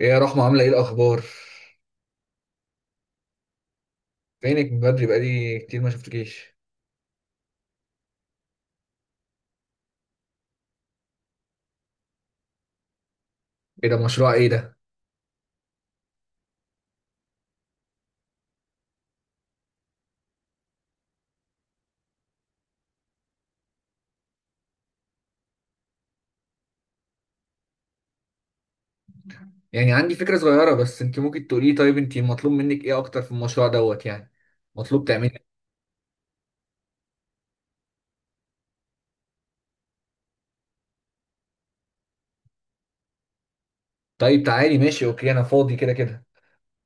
ايه يا رحمة، عاملة ايه الأخبار؟ فينك من بدري، بقالي كتير ما شفتكيش. ايه ده مشروع ايه ده؟ يعني عندي فكرة صغيرة، بس انت ممكن تقولي، طيب انت مطلوب منك ايه أكتر في المشروع يعني؟ مطلوب تعملي إيه؟ طيب تعالي، ماشي، اوكي، أنا فاضي كده كده.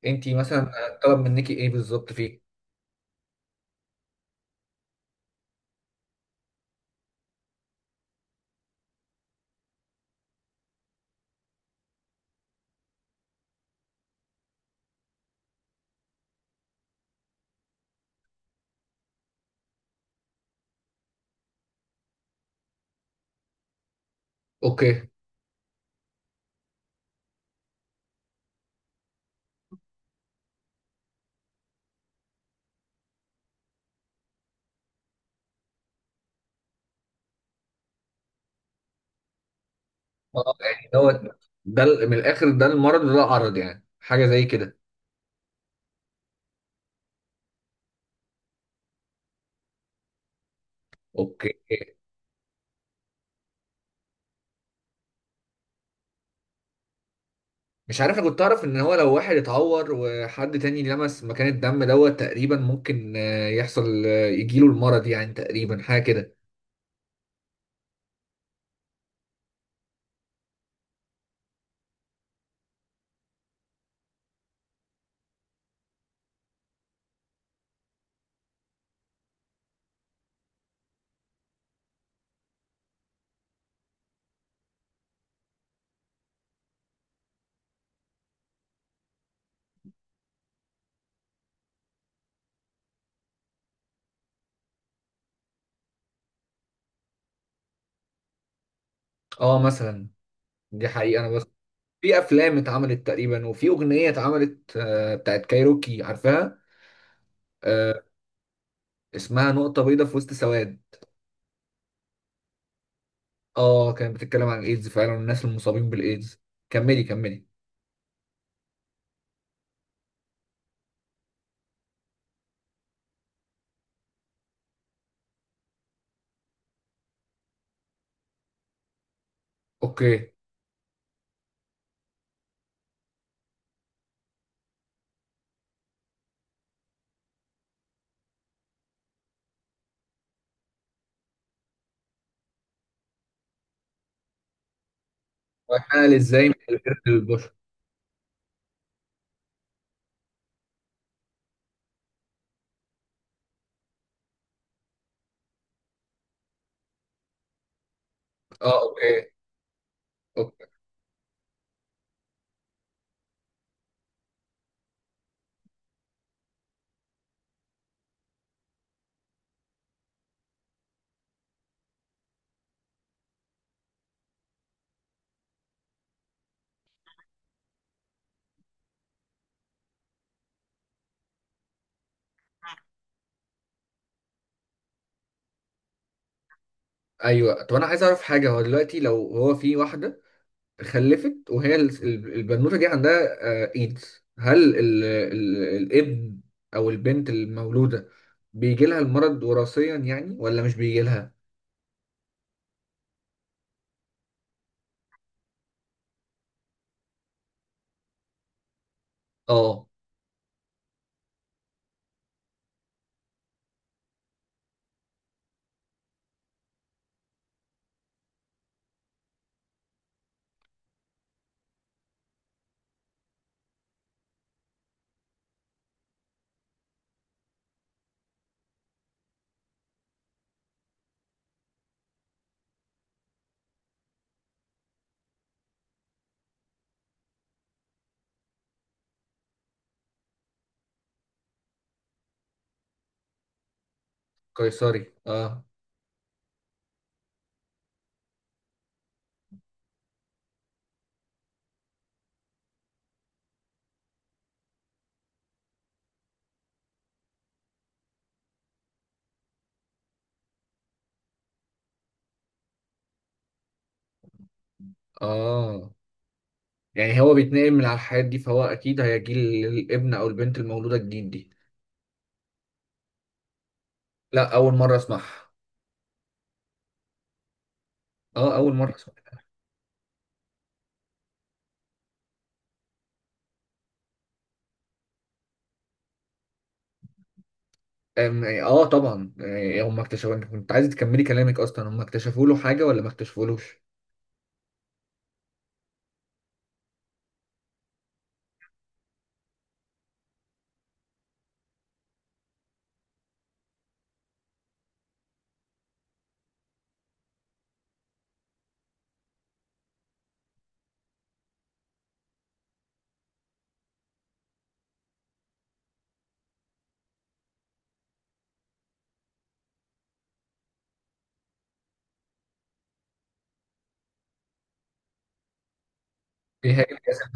انت مثلا طلب منك ايه بالظبط فيه؟ اوكي. اه يعني ده من الآخر، ده المرض وده العرض، يعني حاجة زي كده. اوكي. مش عارف، انا كنت اعرف ان هو لو واحد اتعور وحد تاني لمس مكان الدم تقريبا ممكن يحصل، يجيله المرض، يعني تقريبا حاجه كده. اه مثلا، دي حقيقه. انا بس، في افلام اتعملت تقريبا، وفي اغنيه اتعملت بتاعت كايروكي عارفاها. آه، اسمها نقطه بيضاء في وسط سواد. اه، كانت بتتكلم عن الايدز فعلا، والناس المصابين بالايدز. كملي كملي. اوكي. وحال ازاي من القرد للبشر؟ اه اوكي. اوكي. ايوه، طب انا عايز اعرف حاجه. هو دلوقتي لو هو في واحده خلفت، وهي البنوتة دي عندها ايدز، هل الابن او البنت المولودة بيجي لها المرض وراثيا يعني، ولا مش بيجي لها؟ اه. قيصري اه. اه يعني هو بيتنقل من على الحياة دي، فهو اكيد هيجي للابن او البنت المولودة الجديد دي. لا، اول مرة اسمعها. اه، اول مرة اسمعها. طبعا، هم اكتشفوا، انت كنت عايز تكملي كلامك، اصلا هم اكتشفوا له حاجة ولا ما اكتشفولوش؟ ايه هي الجسم.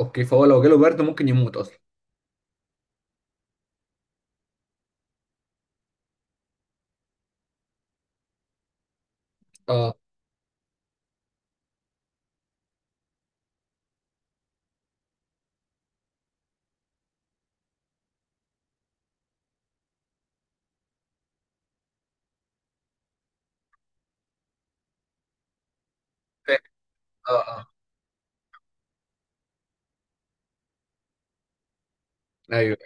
اوكي، فهو لو جاله برد ممكن يموت اصلا. اه فاهم. اه اه. ايوه.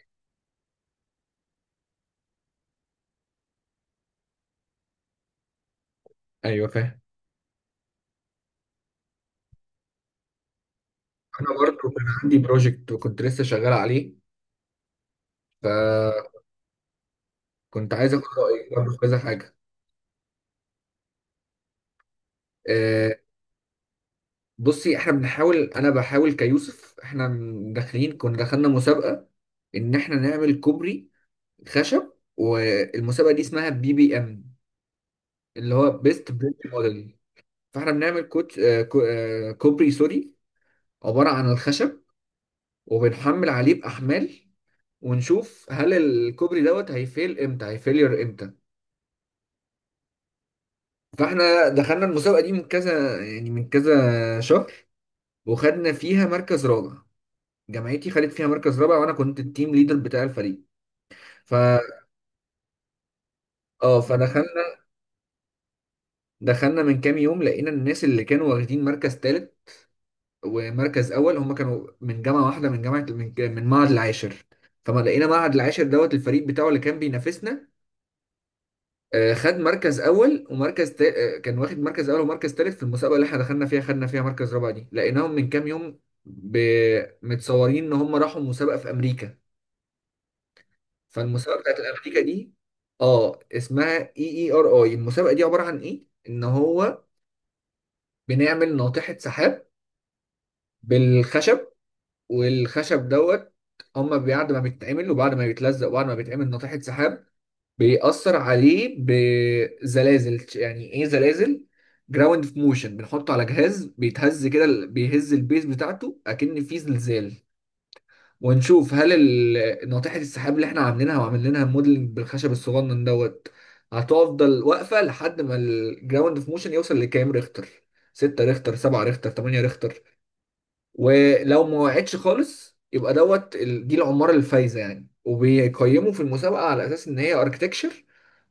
ايوه فاهم. انا برضه كان عندي بروجكت وكنت لسه شغال عليه، فكنت عايز اخد رايك برضه في كذا حاجه. آه بصي، احنا بنحاول، انا بحاول كيوسف، احنا داخلين، كنا دخلنا مسابقه ان احنا نعمل كوبري خشب، والمسابقه دي اسمها BBM، اللي هو بيست بريك موديل. فاحنا بنعمل كوت آه كو- آه، كوبري، سوري، عباره عن الخشب، وبنحمل عليه باحمال، ونشوف هل الكوبري هيفيل امتى، هيفيلير امتى. فاحنا دخلنا المسابقه دي من كذا، يعني من كذا شهر، وخدنا فيها مركز رابع. جامعتي خدت فيها مركز رابع، وانا كنت التيم ليدر بتاع الفريق. ف اه فدخلنا، دخلنا من كام يوم، لقينا الناس اللي كانوا واخدين مركز ثالث ومركز اول، هم كانوا من جامعه واحده، من جامعه، من معهد العاشر. فما لقينا معهد العاشر الفريق بتاعه اللي كان بينافسنا خد مركز اول، ومركز تا... آه، كان واخد مركز اول ومركز تالت في المسابقه اللي احنا دخلنا فيها، خدنا فيها مركز رابع. دي لقيناهم من كام يوم ب... متصورين ان هم راحوا مسابقه في امريكا. فالمسابقه بتاعت امريكا دي اه اسمها EERI. المسابقه دي عباره عن ايه، ان هو بنعمل ناطحه سحاب بالخشب. والخشب هما بعد ما بيتعمل وبعد ما بيتلزق وبعد ما بيتعمل ناطحه سحاب، بيأثر عليه بزلازل. يعني ايه زلازل؟ جراوند في موشن، بنحطه على جهاز بيتهز كده، بيهز البيز بتاعته اكن في زلزال. ونشوف هل ناطحة السحاب اللي احنا عاملينها وعاملينها موديلنج بالخشب الصغنن هتفضل واقفة لحد ما الجراوند في موشن يوصل لكام ريختر، 6 ريختر، 7 ريختر، 8 ريختر. ولو ما وقعتش خالص، يبقى دي العمارة الفايزة يعني. وبيقيموا في المسابقة على أساس إن هي أركتكشر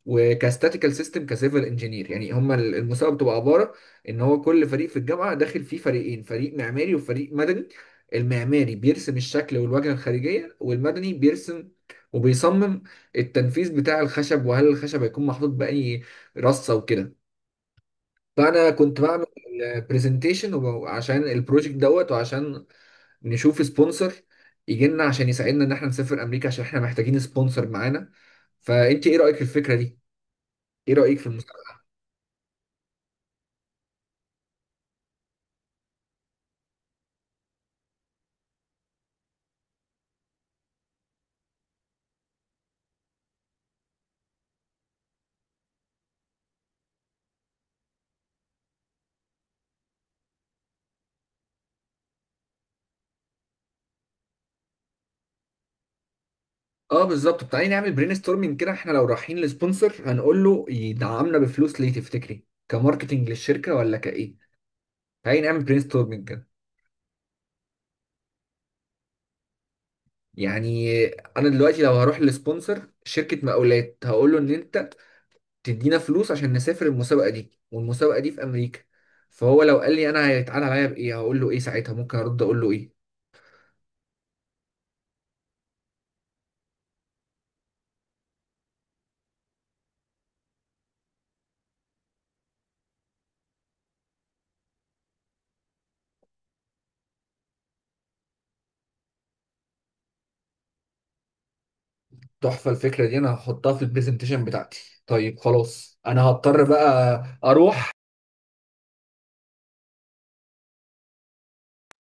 وكاستاتيكال سيستم كسيفل انجينير. يعني هما المسابقة بتبقى عبارة إن هو كل فريق في الجامعة داخل فيه فريقين، فريق معماري وفريق مدني. المعماري بيرسم الشكل والواجهة الخارجية، والمدني بيرسم وبيصمم التنفيذ بتاع الخشب، وهل الخشب هيكون محطوط بأي رصة وكده. فأنا كنت بعمل البرزنتيشن عشان البروجكت وعشان نشوف سبونسر يجي لنا عشان يساعدنا ان احنا نسافر امريكا، عشان احنا محتاجين سبونسر معانا. فانت ايه رايك في الفكره دي؟ ايه رايك في المساعده؟ اه بالظبط. تعالي نعمل برين ستورمنج كده. احنا لو رايحين لسبونسر هنقول له يدعمنا بفلوس، ليه تفتكري؟ كماركتنج للشركه، ولا كايه؟ تعالي نعمل برين ستورمنج كده. يعني انا دلوقتي لو هروح لسبونسر شركه مقاولات، هقول له ان انت تدينا فلوس عشان نسافر المسابقه دي، والمسابقه دي في امريكا. فهو لو قال لي انا هيتعاد عليا بايه، هقول له ايه ساعتها؟ ممكن ارد اقول له ايه؟ تحفة الفكرة دي، أنا هحطها في البرزنتيشن بتاعتي. طيب خلاص أنا هضطر بقى أروح.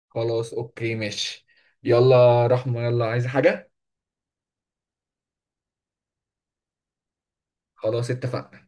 خلاص أوكي ماشي. يلا رحمة يلا، عايز حاجة؟ خلاص اتفقنا.